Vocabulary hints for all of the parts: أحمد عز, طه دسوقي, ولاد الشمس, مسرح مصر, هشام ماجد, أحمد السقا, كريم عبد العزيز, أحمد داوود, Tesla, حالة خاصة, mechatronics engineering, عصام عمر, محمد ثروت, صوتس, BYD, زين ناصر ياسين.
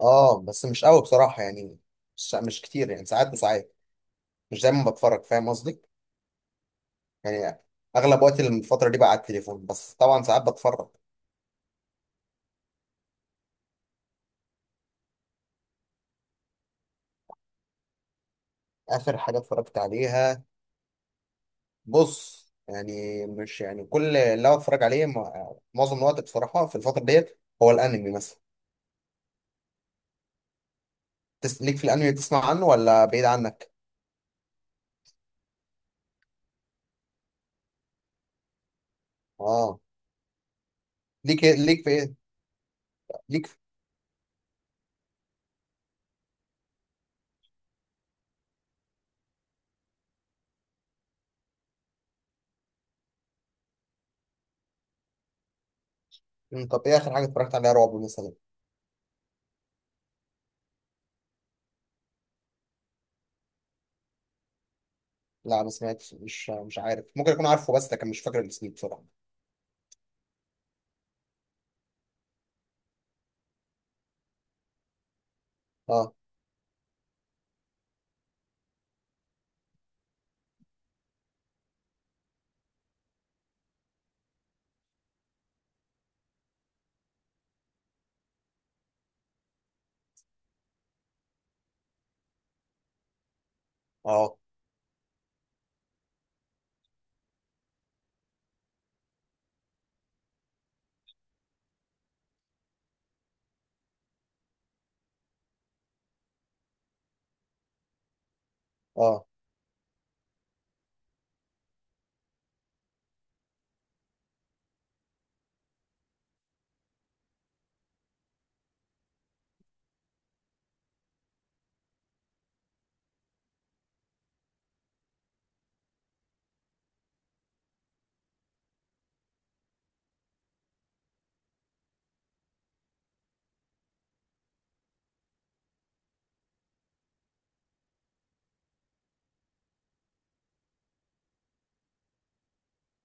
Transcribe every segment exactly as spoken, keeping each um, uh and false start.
اه، بس مش قوي بصراحة يعني، مش مش كتير يعني، ساعات وساعات، مش دايما بتفرج فاهم قصدي؟ يعني اغلب وقت الفترة دي بقى على التليفون، بس طبعا ساعات بتفرج. اخر حاجة اتفرجت عليها، بص يعني مش يعني كل اللي أنا بتفرج عليه، م- معظم الوقت بصراحة في الفترة ديت هو الانمي مثلا. تس... ليك في الانمي، تسمع عنه ولا بعيد عنك؟ اه. ليك إيه، ليك في ايه؟ ليك في... مم، طب ايه اخر حاجة اتفرجت عليها رعب مثلا؟ لا، ما سمعتش، مش مش عارف، ممكن اكون عارفه بس لكن مش فاكر الاسم بصراحة. اه. اه. اه.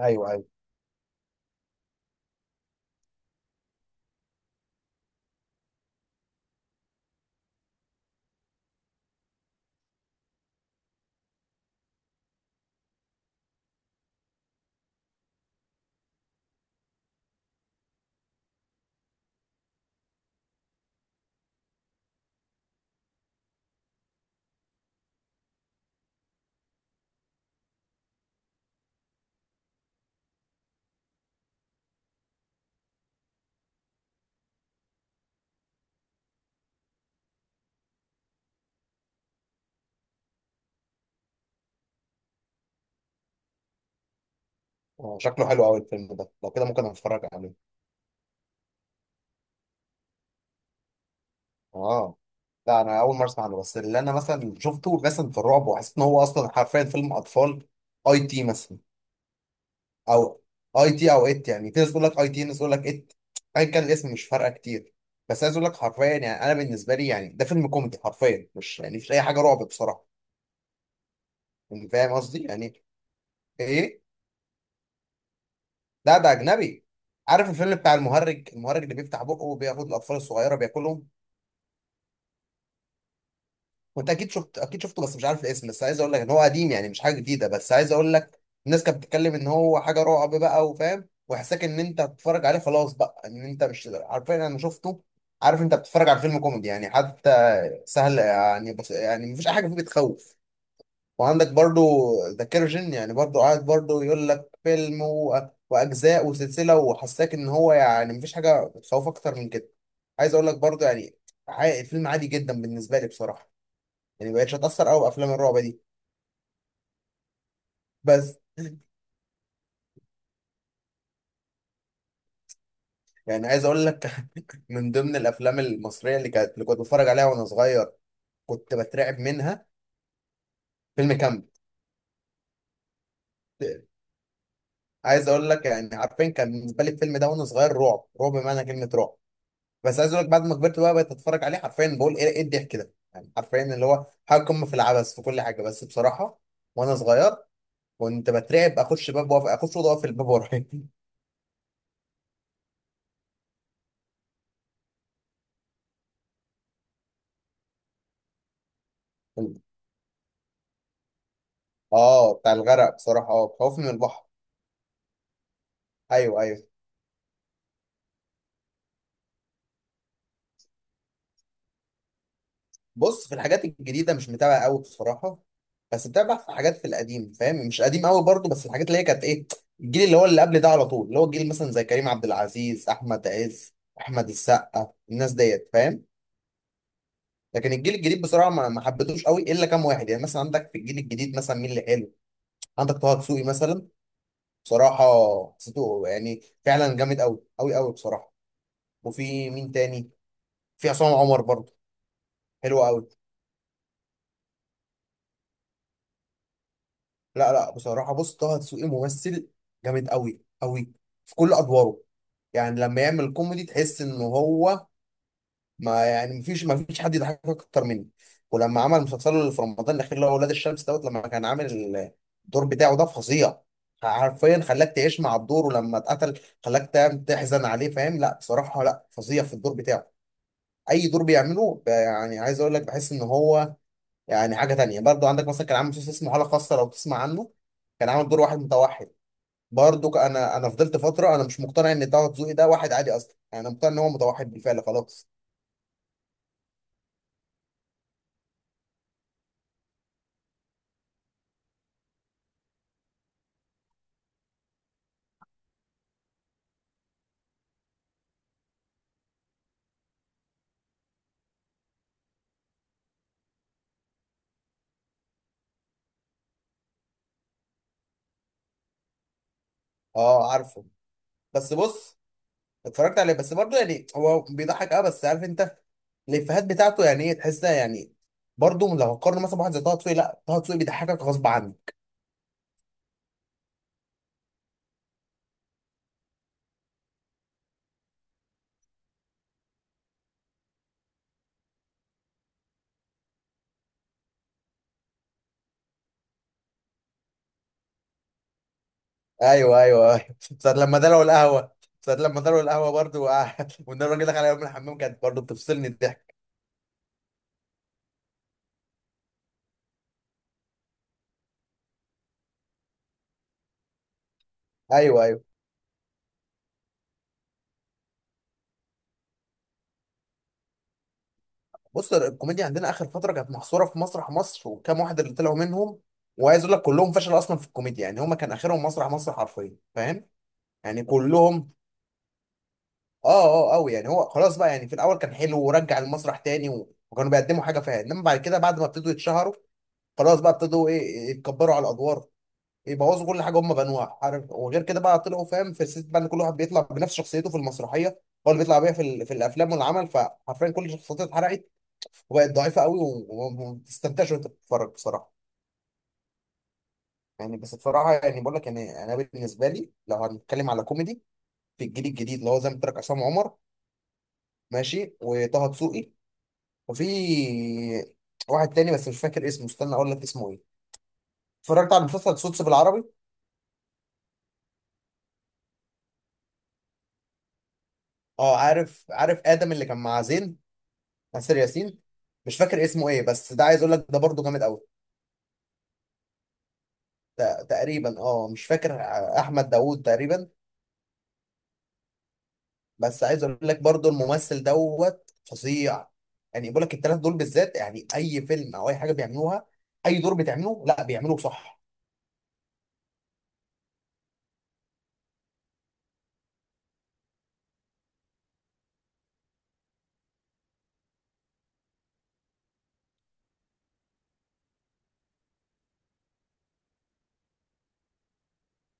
ايوه، ايوه. آه. شكله حلو قوي الفيلم ده، لو كده ممكن اتفرج عليه. اه. لا، انا اول مره اسمع عنه. بس اللي انا مثلا شفته مثلا في الرعب وحسيت ان هو اصلا حرفيا فيلم اطفال، اي تي مثلا. او اي تي او ات، يعني في ناس تقول لك اي تي، ناس تقول لك ات. ايا كان الاسم مش فارقه كتير. بس عايز اقول لك حرفيا يعني، انا بالنسبه لي يعني ده فيلم كوميدي حرفيا، مش يعني مش اي حاجه رعب بصراحه. يعني فاهم قصدي؟ يعني ايه. لا، ده اجنبي. عارف الفيلم بتاع المهرج، المهرج اللي بيفتح بقه وبياخد الاطفال الصغيره بياكلهم؟ وانت اكيد شفت اكيد شفته، بس مش عارف الاسم. بس عايز اقول لك ان هو قديم يعني، مش حاجه جديده. بس عايز اقول لك، الناس كانت بتتكلم ان هو حاجه رعب بقى، وفاهم وحساك ان انت بتتفرج عليه خلاص بقى، ان انت مش عارفين. انا شفته، عارف انت بتتفرج على فيلم كوميدي يعني، حتى سهل يعني، بس يعني مفيش اي حاجه فيه بتخوف. وعندك برضو ذا كيرجن، يعني برضو قاعد برضو يقول لك فيلم و... واجزاء وسلسله، وحساك ان هو يعني مفيش حاجه بتخوف اكتر من كده. عايز اقول لك برضو يعني، عا- الفيلم عادي جدا بالنسبه لي بصراحه. يعني بقتش اتاثر قوي بافلام الرعب دي. بس يعني عايز اقول لك من ضمن الافلام المصريه اللي كانت اللي كنت بتفرج عليها وانا صغير، كنت بترعب منها، فيلم كامب. عايز اقول لك يعني، عارفين كان بالنسبه لي الفيلم ده وانا صغير، رعب رعب بمعنى كلمه رعب. بس عايز اقول لك بعد ما كبرت بقى، بقيت اتفرج عليه حرفيا، بقول ايه إيه الضحك ده يعني، حرفيا اللي هو حاجه قمه في العبث في كل حاجه بس بصراحه. وانا صغير كنت بترعب، اخش باب واقف، اخش اوضه واقف الباب ورايا اه، بتاع الغرق بصراحه، اه خوفني من البحر. ايوه، ايوه. بص، في الحاجات الجديدة مش متابع قوي بصراحة. بس متابع في حاجات في القديم فاهم، مش قديم قوي برضه، بس الحاجات اللي هي كانت ايه. الجيل اللي هو اللي قبل ده على طول، اللي هو الجيل مثلا زي كريم عبد العزيز، أحمد عز، أحمد السقا، الناس ديت فاهم. لكن الجيل الجديد بصراحة ما ما حبيتهوش قوي إلا كام واحد. يعني مثلا عندك في الجيل الجديد مثلا مين اللي حلو؟ عندك طه دسوقي مثلا، بصراحة حسيته يعني فعلا جامد قوي قوي قوي بصراحة. وفي مين تاني؟ في عصام عمر برضه. حلو قوي. لا، لا، بصراحة بص، طه دسوقي ممثل جامد قوي قوي في كل أدواره. يعني لما يعمل كوميدي تحس إن هو ما، يعني مفيش مفيش حد يضحكك أكتر منه. ولما عمل مسلسله اللي في رمضان الأخير، اللي هو ولاد الشمس دوت، لما كان عامل الدور بتاعه ده فظيع، حرفيا خلاك تعيش مع الدور، ولما اتقتل خلاك تعم- تحزن عليه فاهم. لا بصراحة، لا فظيع في الدور بتاعه. أي دور بيعمله ب- يعني عايز أقول لك بحس إن هو، يعني حاجة تانية برضو. عندك مثلا كان عامل مسلسل اسمه حالة خاصة لو تسمع عنه، كان عامل دور واحد متوحد. برضو ك- انا انا فضلت فترة انا مش مقتنع ان طه دسوقي ده واحد عادي اصلا، يعني انا مقتنع ان هو متوحد بالفعل خلاص. اه عارفه. بس بص، اتفرجت عليه بس برضو يعني هو بيضحك، اه، بس عارف انت الافيهات بتاعته يعني ايه، تحسها يعني. برضو لو هقارن مثلا بواحد زي طه دسوقي، لا، طه دسوقي بيضحكك غصب عنه. ايوه، ايوه، ايوه، صار لما دلعوا القهوة. صار لما دلعوا القهوة برضو وان الراجل دخل عليهم من الحمام كانت برضو بتفصلني الضحك. ايوه، ايوه. بص، الكوميديا عندنا اخر فتره كانت محصوره في مسرح مصر وكام واحد اللي طلعوا منهم. وعايز اقول لك كلهم فشلوا اصلا في الكوميديا يعني، هما كان اخرهم مسرح مصر حرفيا فاهم. يعني كلهم. اه. اه قوي يعني، هو خلاص بقى يعني، في الاول كان حلو ورجع المسرح تاني، و- وكانوا بيقدموا حاجه فيها، انما بعد كده بعد ما ابتدوا يتشهروا، خلاص بقى ابتدوا ايه، يتكبروا على الادوار، يبوظوا كل حاجه هم بنوها عارف. وغير كده بقى طلعوا فاهم في الست بقى، إن كل واحد بيطلع بنفس شخصيته في المسرحيه، هو اللي بيطلع بيها في, ال- في الافلام والعمل، فحرفيا كل شخصيته اتحرقت، وبقت ضعيفه قوي، و- وما بتستمتعش وانت بتتفرج بصراحه. يعني بس بصراحه يعني بقول لك يعني، انا بالنسبه لي لو هنتكلم على كوميدي في الجيل الجديد، اللي هو زي ما قلت لك، عصام عمر ماشي، وطه دسوقي، وفي واحد تاني بس مش فاكر اسمه، استنى اقول لك اسمه ايه. اتفرجت على مسلسل صوتس بالعربي. اه. عارف عارف ادم اللي كان مع زين، ناصر ياسين. مش فاكر اسمه ايه، بس ده عايز اقول لك ده برضه جامد قوي. ت- تقريبا، اه مش فاكر، آه، احمد داوود تقريبا. بس عايز اقول لك برضو الممثل دوت فظيع. يعني بقول لك الثلاث دول بالذات، يعني اي فيلم او اي حاجه بيعملوها، اي دور بيتعمله لا بيعملوه صح.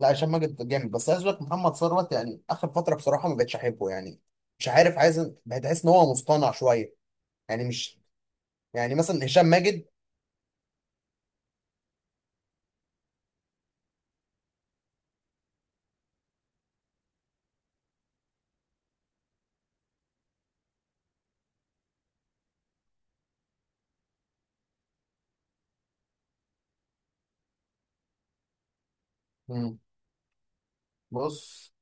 لا، هشام ماجد جامد، بس عايز اقول لك محمد ثروت يعني اخر فتره بصراحه ما بقتش احبه يعني. مش عارف عايز، بتحس ان هو مصطنع شويه، يعني مش، يعني مثلا هشام ماجد. مم. بص.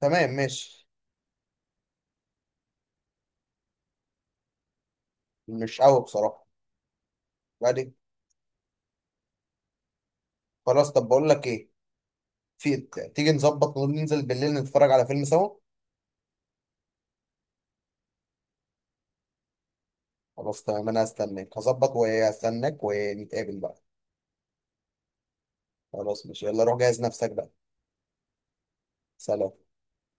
تمام ماشي. مش قوي بصراحه. بعد. خلاص طب بقول لك ايه، في، تيجي نظبط وننزل بالليل نتفرج على فيلم سوا. خلاص تمام، انا هستناك، هظبط وهستناك ونتقابل بقى. خلاص ماشي، يلا روح جهز نفسك بقى. سلام.